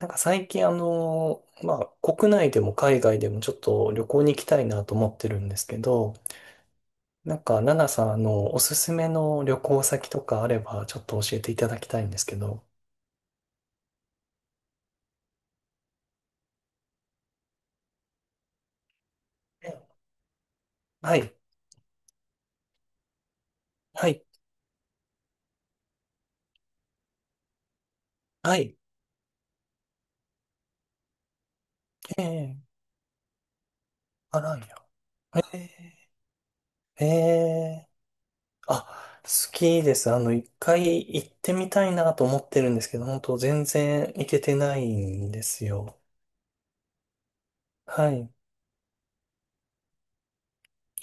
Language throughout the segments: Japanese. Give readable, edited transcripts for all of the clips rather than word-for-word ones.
なんか最近まあ国内でも海外でもちょっと旅行に行きたいなと思ってるんですけど、なんかナナさんおすすめの旅行先とかあればちょっと教えていただきたいんですけど。えはい、はい、はい、ええあらんや。ええ、ええ、あ、好きです。一回行ってみたいなと思ってるんですけど、本当全然行けてないんですよ。はい、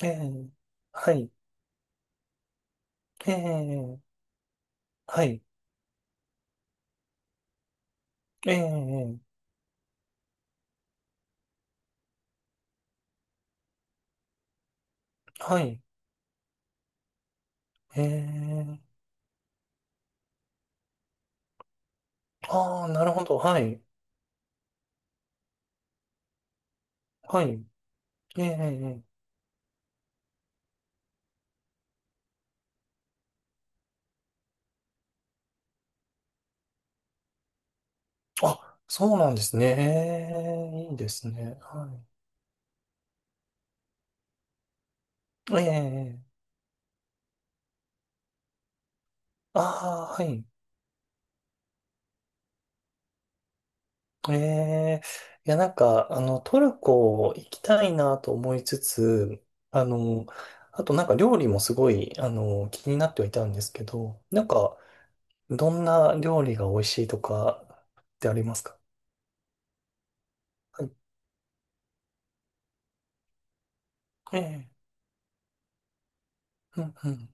ええ、はい、ええ、はい。ええ、はい。ええ。ああ、なるほど。はい。はい。ええ、ええ。あ、そうなんですね。ええ、いいですね。はい。ええ、え、ああ、はい。ええ。いや、なんか、トルコ行きたいなと思いつつ、あの、あとなんか料理もすごい、気になってはいたんですけど、なんか、どんな料理が美味しいとかってありますか？はい。ええ。うん、うん。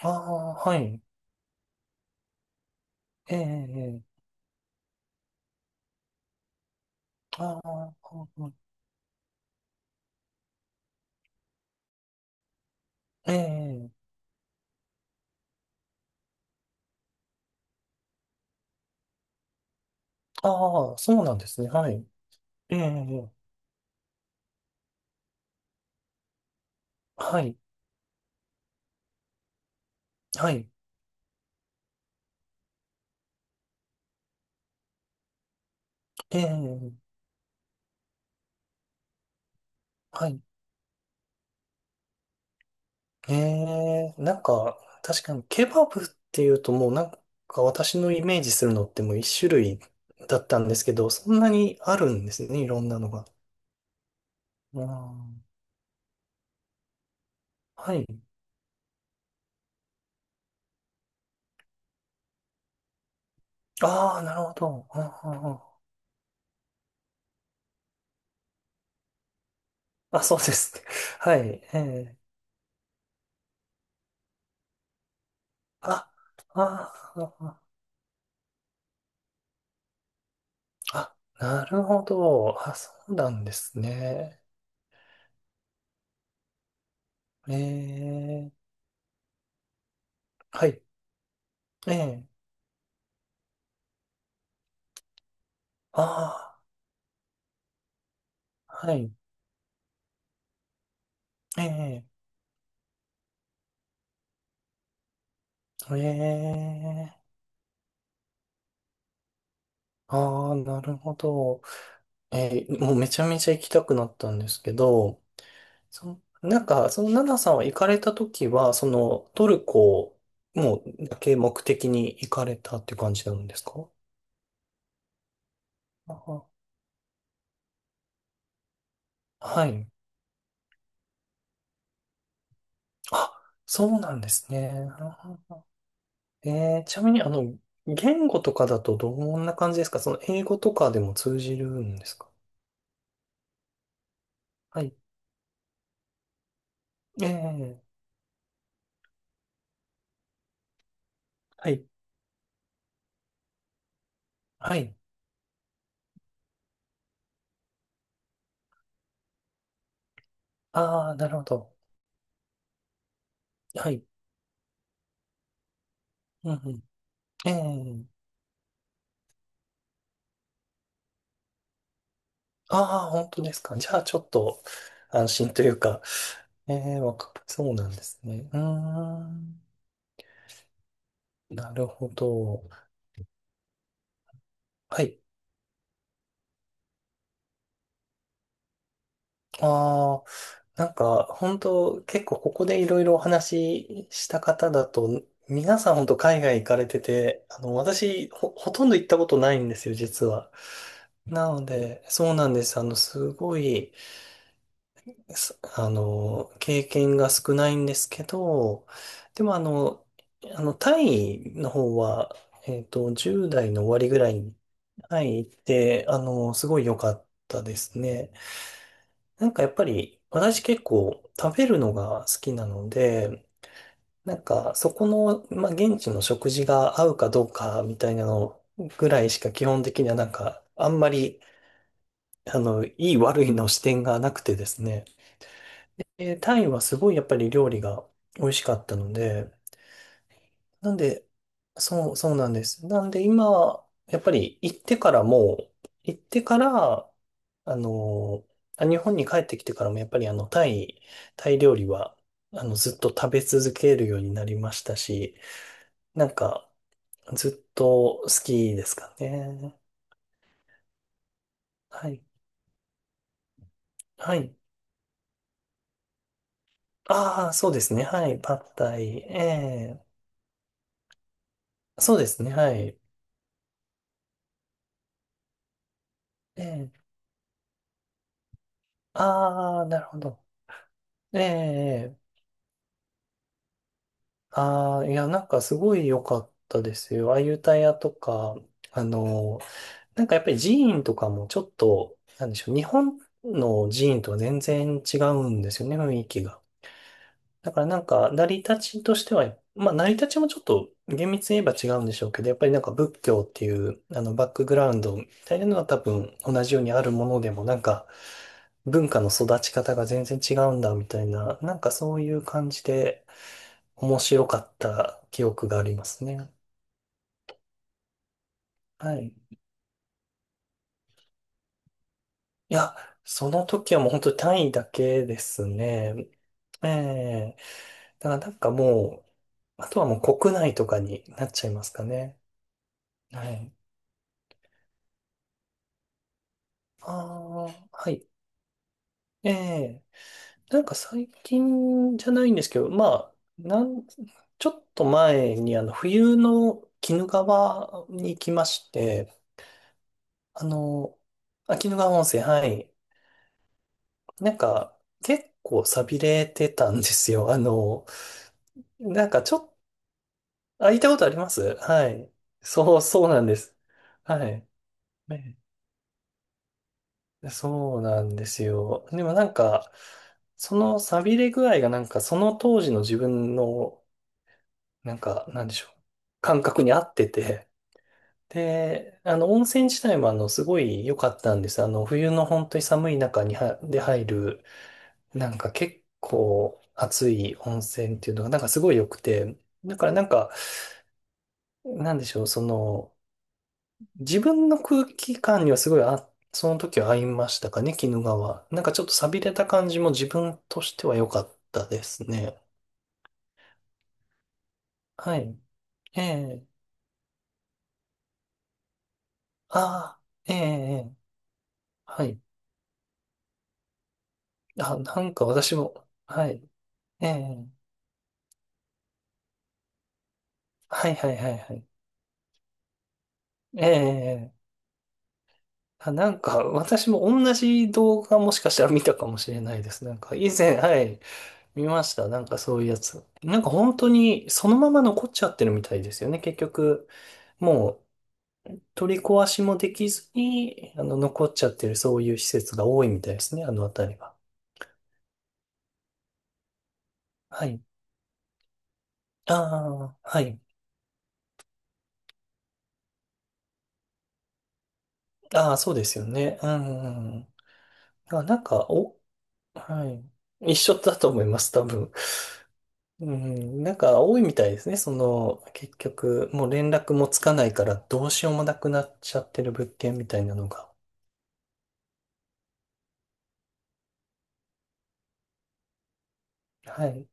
ああ、はい。ええ、ええ。ああ、うん、ええ、ああ、そうなんですね。はい。ええ、はい、はい、ええ、はい。ええ、なんか、確かにケバブっていうともうなんか私のイメージするのってもう一種類だったんですけど、そんなにあるんですね、いろんなのが。うん、はい。ああ、なるほど。うん、うん、うん、あ、そうですね。はい。ええ、あ、ああ、あ、あ、なるほど。あ、そうなんですね。ええ、はい。ええ、ああ、はい。ええ、ええ、ああ、なるほど。ええ、もうめちゃめちゃ行きたくなったんですけど、そ、なんか、そのナナさんは行かれた時は、そのトルコもうだけ目的に行かれたっていう感じなんですか？ああ、はい。あ、そうなんですね。なるほど。ええ、ちなみに、言語とかだとどんな感じですか？その英語とかでも通じるんですか？はい、ええ、はい、はい。ああ、なるほど。はい。うんうん。ええ、ああ、本当ですか。じゃあ、ちょっと安心というか、ええ、わか、そうなんですね。うーん。なるほど。はい。ああ、なんか、本当結構ここでいろいろお話しした方だと、皆さん本当海外行かれてて、私、ほとんど行ったことないんですよ、実は。なので、そうなんです。すごい、経験が少ないんですけど、でもタイの方は、10代の終わりぐらいにタイ行って、すごい良かったですね。なんかやっぱり、私結構食べるのが好きなので、なんかそこの、まあ、現地の食事が合うかどうかみたいなのぐらいしか基本的にはなんか、あんまり、いい悪いの視点がなくてですね。タイはすごいやっぱり料理が美味しかったので、なんで、そう、そうなんです。なんで今、やっぱり行ってからも、行ってから、あのあ、日本に帰ってきてからもやっぱりタイ、タイ料理は、ずっと食べ続けるようになりましたし、なんか、ずっと好きですかね。はい。はい。ああ、そうですね。はい。パッタイ。ええ、そうですね。はい。ええ、ああ、なるほど。ええ、ああ、いや、なんかすごい良かったですよ。ああいう歌屋とか、あの、なんかやっぱり寺院とかもちょっと、なんでしょう、日本の寺院とは全然違うんですよね、雰囲気が。だからなんか、成り立ちとしては、まあ、成り立ちもちょっと厳密に言えば違うんでしょうけど、やっぱりなんか仏教っていう、バックグラウンドみたいなのは多分同じようにあるものでも、なんか、文化の育ち方が全然違うんだみたいな、なんかそういう感じで、面白かった記憶がありますね。はい。いや、その時はもう本当に単位だけですね。ええ、だからなんかもう、あとはもう国内とかになっちゃいますかね。はい。ああ、はい。ええ、なんか最近じゃないんですけど、まあ、なん、ちょっと前に冬の鬼怒川に行きまして、あの、あ、鬼怒川温泉、はい。なんか、結構寂れてたんですよ。なんかちょっと、あ、行ったことあります、はい。そう、そうなんです。はい。ね、そうなんですよ。でもなんか、その寂れ具合がなんか、その当時の自分の、なんか、なんでしょう。感覚に合ってて。で、温泉自体もすごい良かったんです。冬の本当に寒い中には、で入る、なんか結構熱い温泉っていうのがなんかすごい良くて、だからなんか、なんでしょう、その、自分の空気感にはすごい、あ、その時は合いましたかね、鬼怒川。なんかちょっと寂れた感じも自分としては良かったですね。はい。ええ、ああ、ええ、ええ、はい。あ、なんか私も、はい。ええ、はい、はい、はい、はい。ええ、あ、なんか私も同じ動画もしかしたら見たかもしれないです。なんか以前、はい。見ました。なんかそういうやつ。なんか本当にそのまま残っちゃってるみたいですよね。結局、もう取り壊しもできずに、残っちゃってるそういう施設が多いみたいですね。あの辺りは。はい。ああ、はい。ああ、そうですよね。うん。あ、なんか、お、はい。一緒だと思います、多分。うん。なんか多いみたいですね。その、結局、もう連絡もつかないからどうしようもなくなっちゃってる物件みたいなのが。はい。